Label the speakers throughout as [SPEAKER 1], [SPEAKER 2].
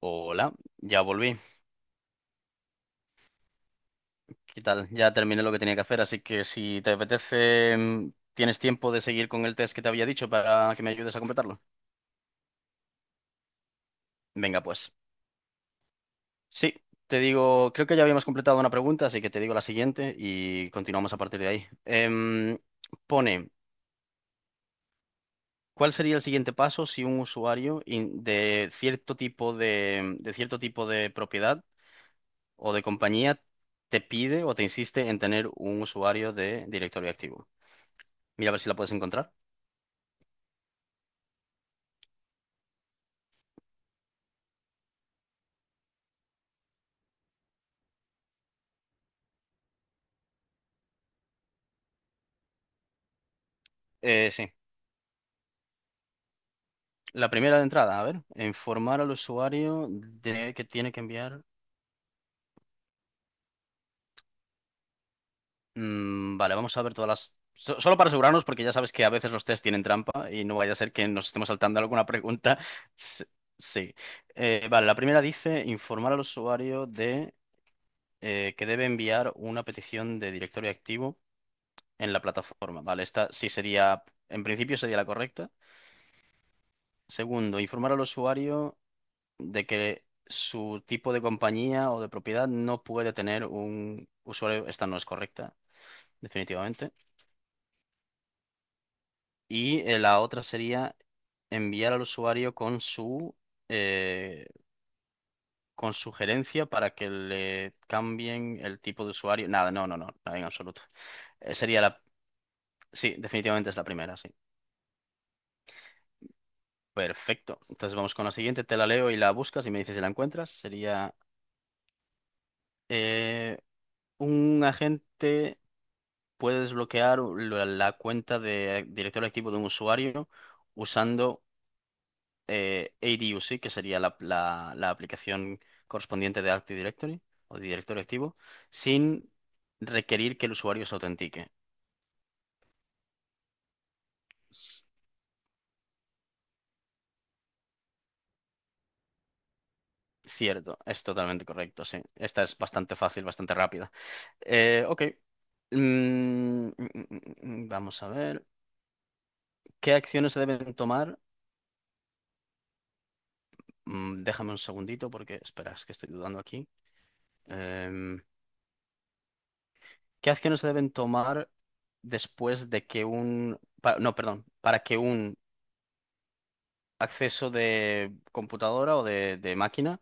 [SPEAKER 1] Hola, ya volví. ¿Qué tal? Ya terminé lo que tenía que hacer, así que si te apetece, tienes tiempo de seguir con el test que te había dicho para que me ayudes a completarlo. Venga, pues. Sí, te digo, creo que ya habíamos completado una pregunta, así que te digo la siguiente y continuamos a partir de ahí. Pone, ¿cuál sería el siguiente paso si un de cierto tipo de cierto tipo de propiedad o de compañía te pide o te insiste en tener un usuario de directorio activo? Mira a ver si la puedes encontrar. Sí. La primera de entrada, a ver, informar al usuario de que tiene que enviar. Vale, vamos a ver todas las. Solo para asegurarnos, porque ya sabes que a veces los test tienen trampa y no vaya a ser que nos estemos saltando alguna pregunta. S- Sí. Vale, la primera dice informar al usuario de que debe enviar una petición de directorio activo en la plataforma. Vale, esta sí sería, en principio sería la correcta. Segundo, informar al usuario de que su tipo de compañía o de propiedad no puede tener un usuario. Esta no es correcta, definitivamente. Y la otra sería enviar al usuario con su, eh, con su gerencia para que le cambien el tipo de usuario. Nada, no, no, no, nada en absoluto. Sería la... Sí, definitivamente es la primera, sí. Perfecto. Entonces vamos con la siguiente, te la leo y la buscas y me dices si la encuentras. Sería eh, un agente puede desbloquear la cuenta de directorio activo de un usuario usando ADUC, que sería la aplicación correspondiente de Active Directory o de directorio activo, sin requerir que el usuario se autentique. Cierto, es totalmente correcto, sí. Esta es bastante fácil, bastante rápida. Ok. Mm, mm, mm, vamos a ver. ¿Qué acciones se deben tomar? Déjame un segundito porque, espera, es que estoy dudando aquí. Em, ¿Qué acciones se deben tomar después de que un... no, perdón, para que un acceso de computadora o de máquina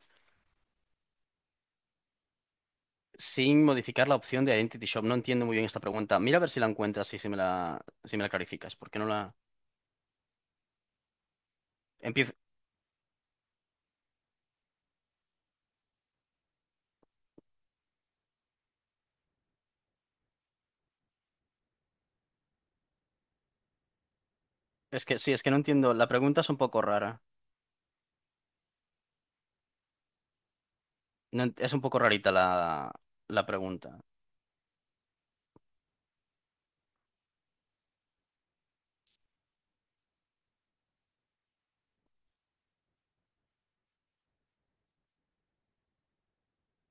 [SPEAKER 1] sin modificar la opción de Identity Shop? No entiendo muy bien esta pregunta. Mira a ver si la encuentras y si me la, si me la clarificas, porque no la... Empiezo... Es que sí, es que no entiendo. La pregunta es un poco rara. No ent- es un poco rarita la pregunta.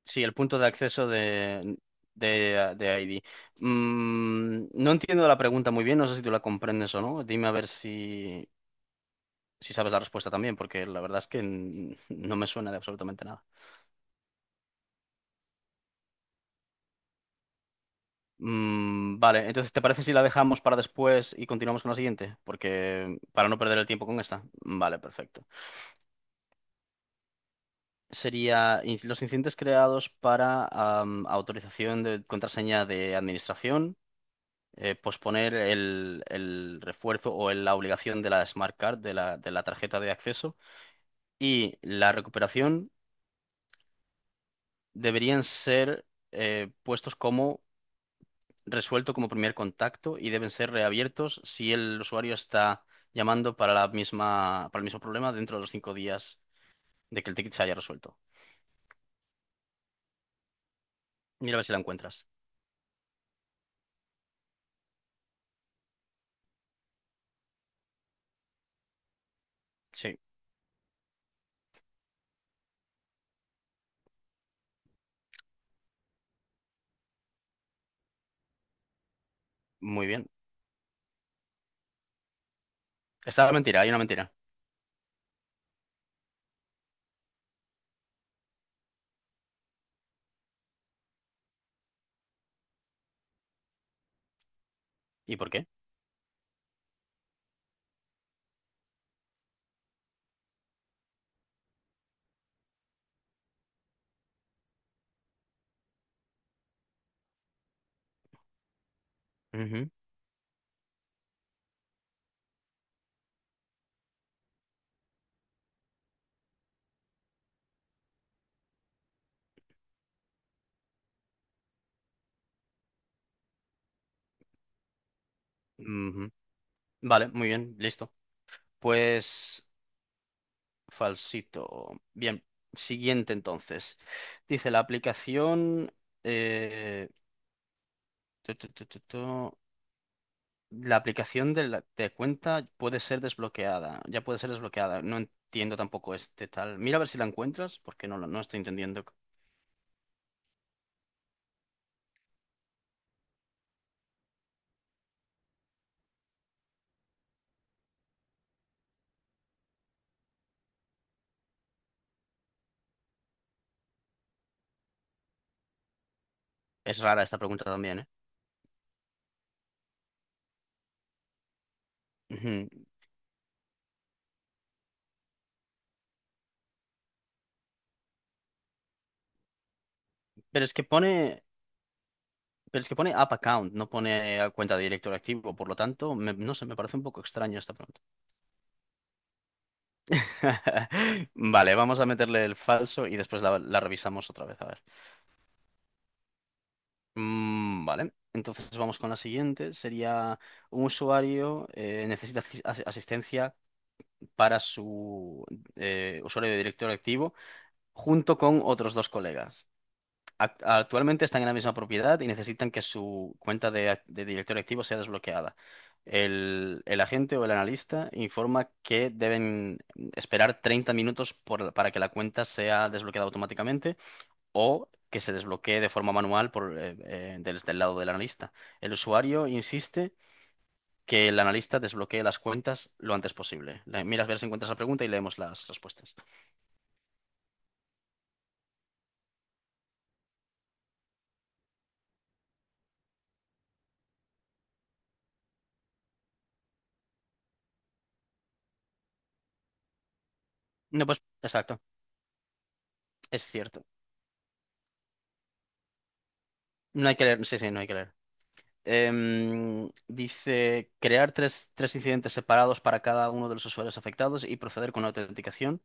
[SPEAKER 1] Sí, el punto de acceso de ID. No entiendo la pregunta muy bien, no sé si tú la comprendes o no. Dime a ver si, si sabes la respuesta también, porque la verdad es que no me suena de absolutamente nada. Vale, entonces, ¿te parece si la dejamos para después y continuamos con la siguiente? Porque para no perder el tiempo con esta. Vale, perfecto. Sería los incidentes creados para autorización de contraseña de administración, posponer el refuerzo o la obligación de la Smart Card, de la tarjeta de acceso, y la recuperación deberían ser puestos como resuelto como primer contacto y deben ser reabiertos si el usuario está llamando para la misma, para el mismo problema dentro de los cinco días de que el ticket se haya resuelto. Mira a ver si la encuentras. Sí, muy bien. Esta es mentira, hay una mentira. ¿Y por qué? Ujú, ujú. Vale, muy bien, listo. Pues falsito. Bien, siguiente entonces. Dice la aplicación... eh, tu, tu, tu, tu, tu. La aplicación de cuenta puede ser desbloqueada, ya puede ser desbloqueada. No entiendo tampoco este tal. Mira a ver si la encuentras, porque no, no estoy entendiendo. Es rara esta pregunta también, ¿eh? Ujú. Pero es que pone, pero es que pone app account, no pone a cuenta de director activo, por lo tanto, no sé, me parece un poco extraña esta pregunta. Vale, vamos a meterle el falso y después la revisamos otra vez, a ver. Vale, entonces vamos con la siguiente. Sería un usuario necesita asistencia para su usuario de directorio activo junto con otros dos colegas. Actualmente están en la misma propiedad y necesitan que su cuenta de directorio activo sea desbloqueada. El agente o el analista informa que deben esperar 30 minutos por para que la cuenta sea desbloqueada automáticamente o que se desbloquee de forma manual por, desde el lado del analista. El usuario insiste que el analista desbloquee las cuentas lo antes posible. Miras a ver si encuentras la pregunta y leemos las respuestas. No, pues exacto, es cierto. No hay que leer, sí, sí, no hay que leer. Dice crear tres, tres incidentes separados para cada uno de los usuarios afectados y proceder con la autenticación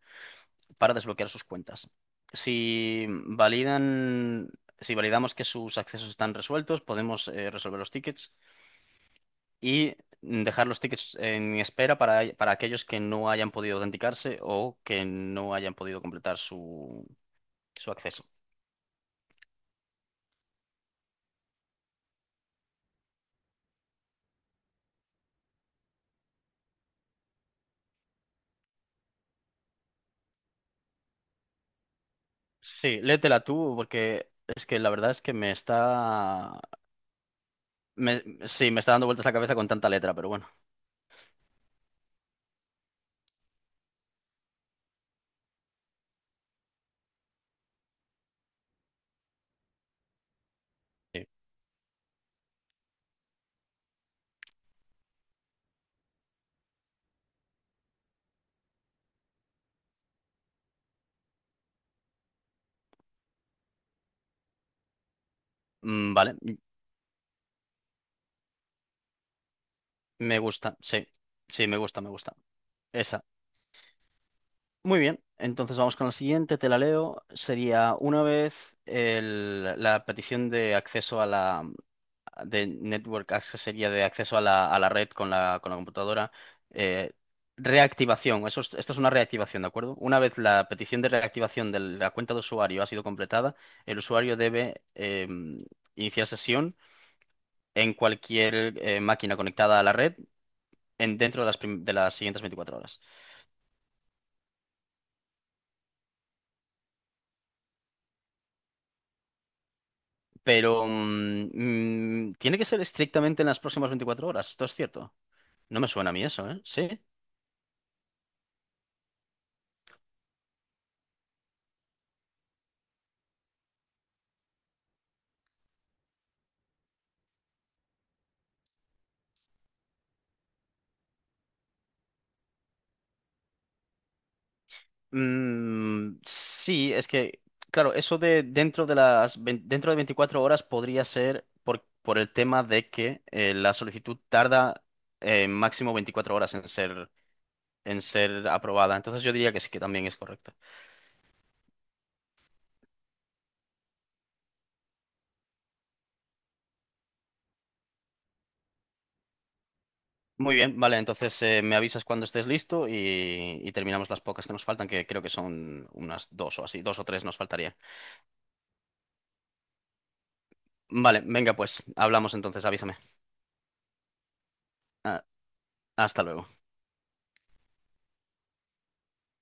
[SPEAKER 1] para desbloquear sus cuentas. Si validan, si validamos que sus accesos están resueltos, podemos resolver los tickets y dejar los tickets en espera para aquellos que no hayan podido autenticarse o que no hayan podido completar su acceso. Sí, léetela tú, porque es que la verdad es que me está... sí, me está dando vueltas la cabeza con tanta letra, pero bueno. Sí. Vale, me gusta, sí. Sí, me gusta, me gusta. Esa. Muy bien, entonces vamos con la siguiente, te la leo. Sería una vez la petición de acceso a la, de network access sería de acceso a la red con la computadora. Eh, reactivación, esto es una reactivación, ¿de acuerdo? Una vez la petición de reactivación de la cuenta de usuario ha sido completada, el usuario debe iniciar sesión en cualquier máquina conectada a la red. Dentro de las, de las siguientes 24 horas. Pero tiene que ser estrictamente en las próximas 24 horas. Esto es cierto. No me suena a mí eso, ¿eh? Sí. Sí, es que, claro, eso de dentro de 24 horas podría ser por el tema de que la solicitud tarda máximo 24 horas en ser aprobada. Entonces yo diría que sí que también es correcto. Muy bien, vale, entonces me avisas cuando estés listo y terminamos las pocas que nos faltan, que creo que son unas dos o así, dos o tres nos faltaría. Vale, venga pues, hablamos entonces, avísame. Ah, hasta luego.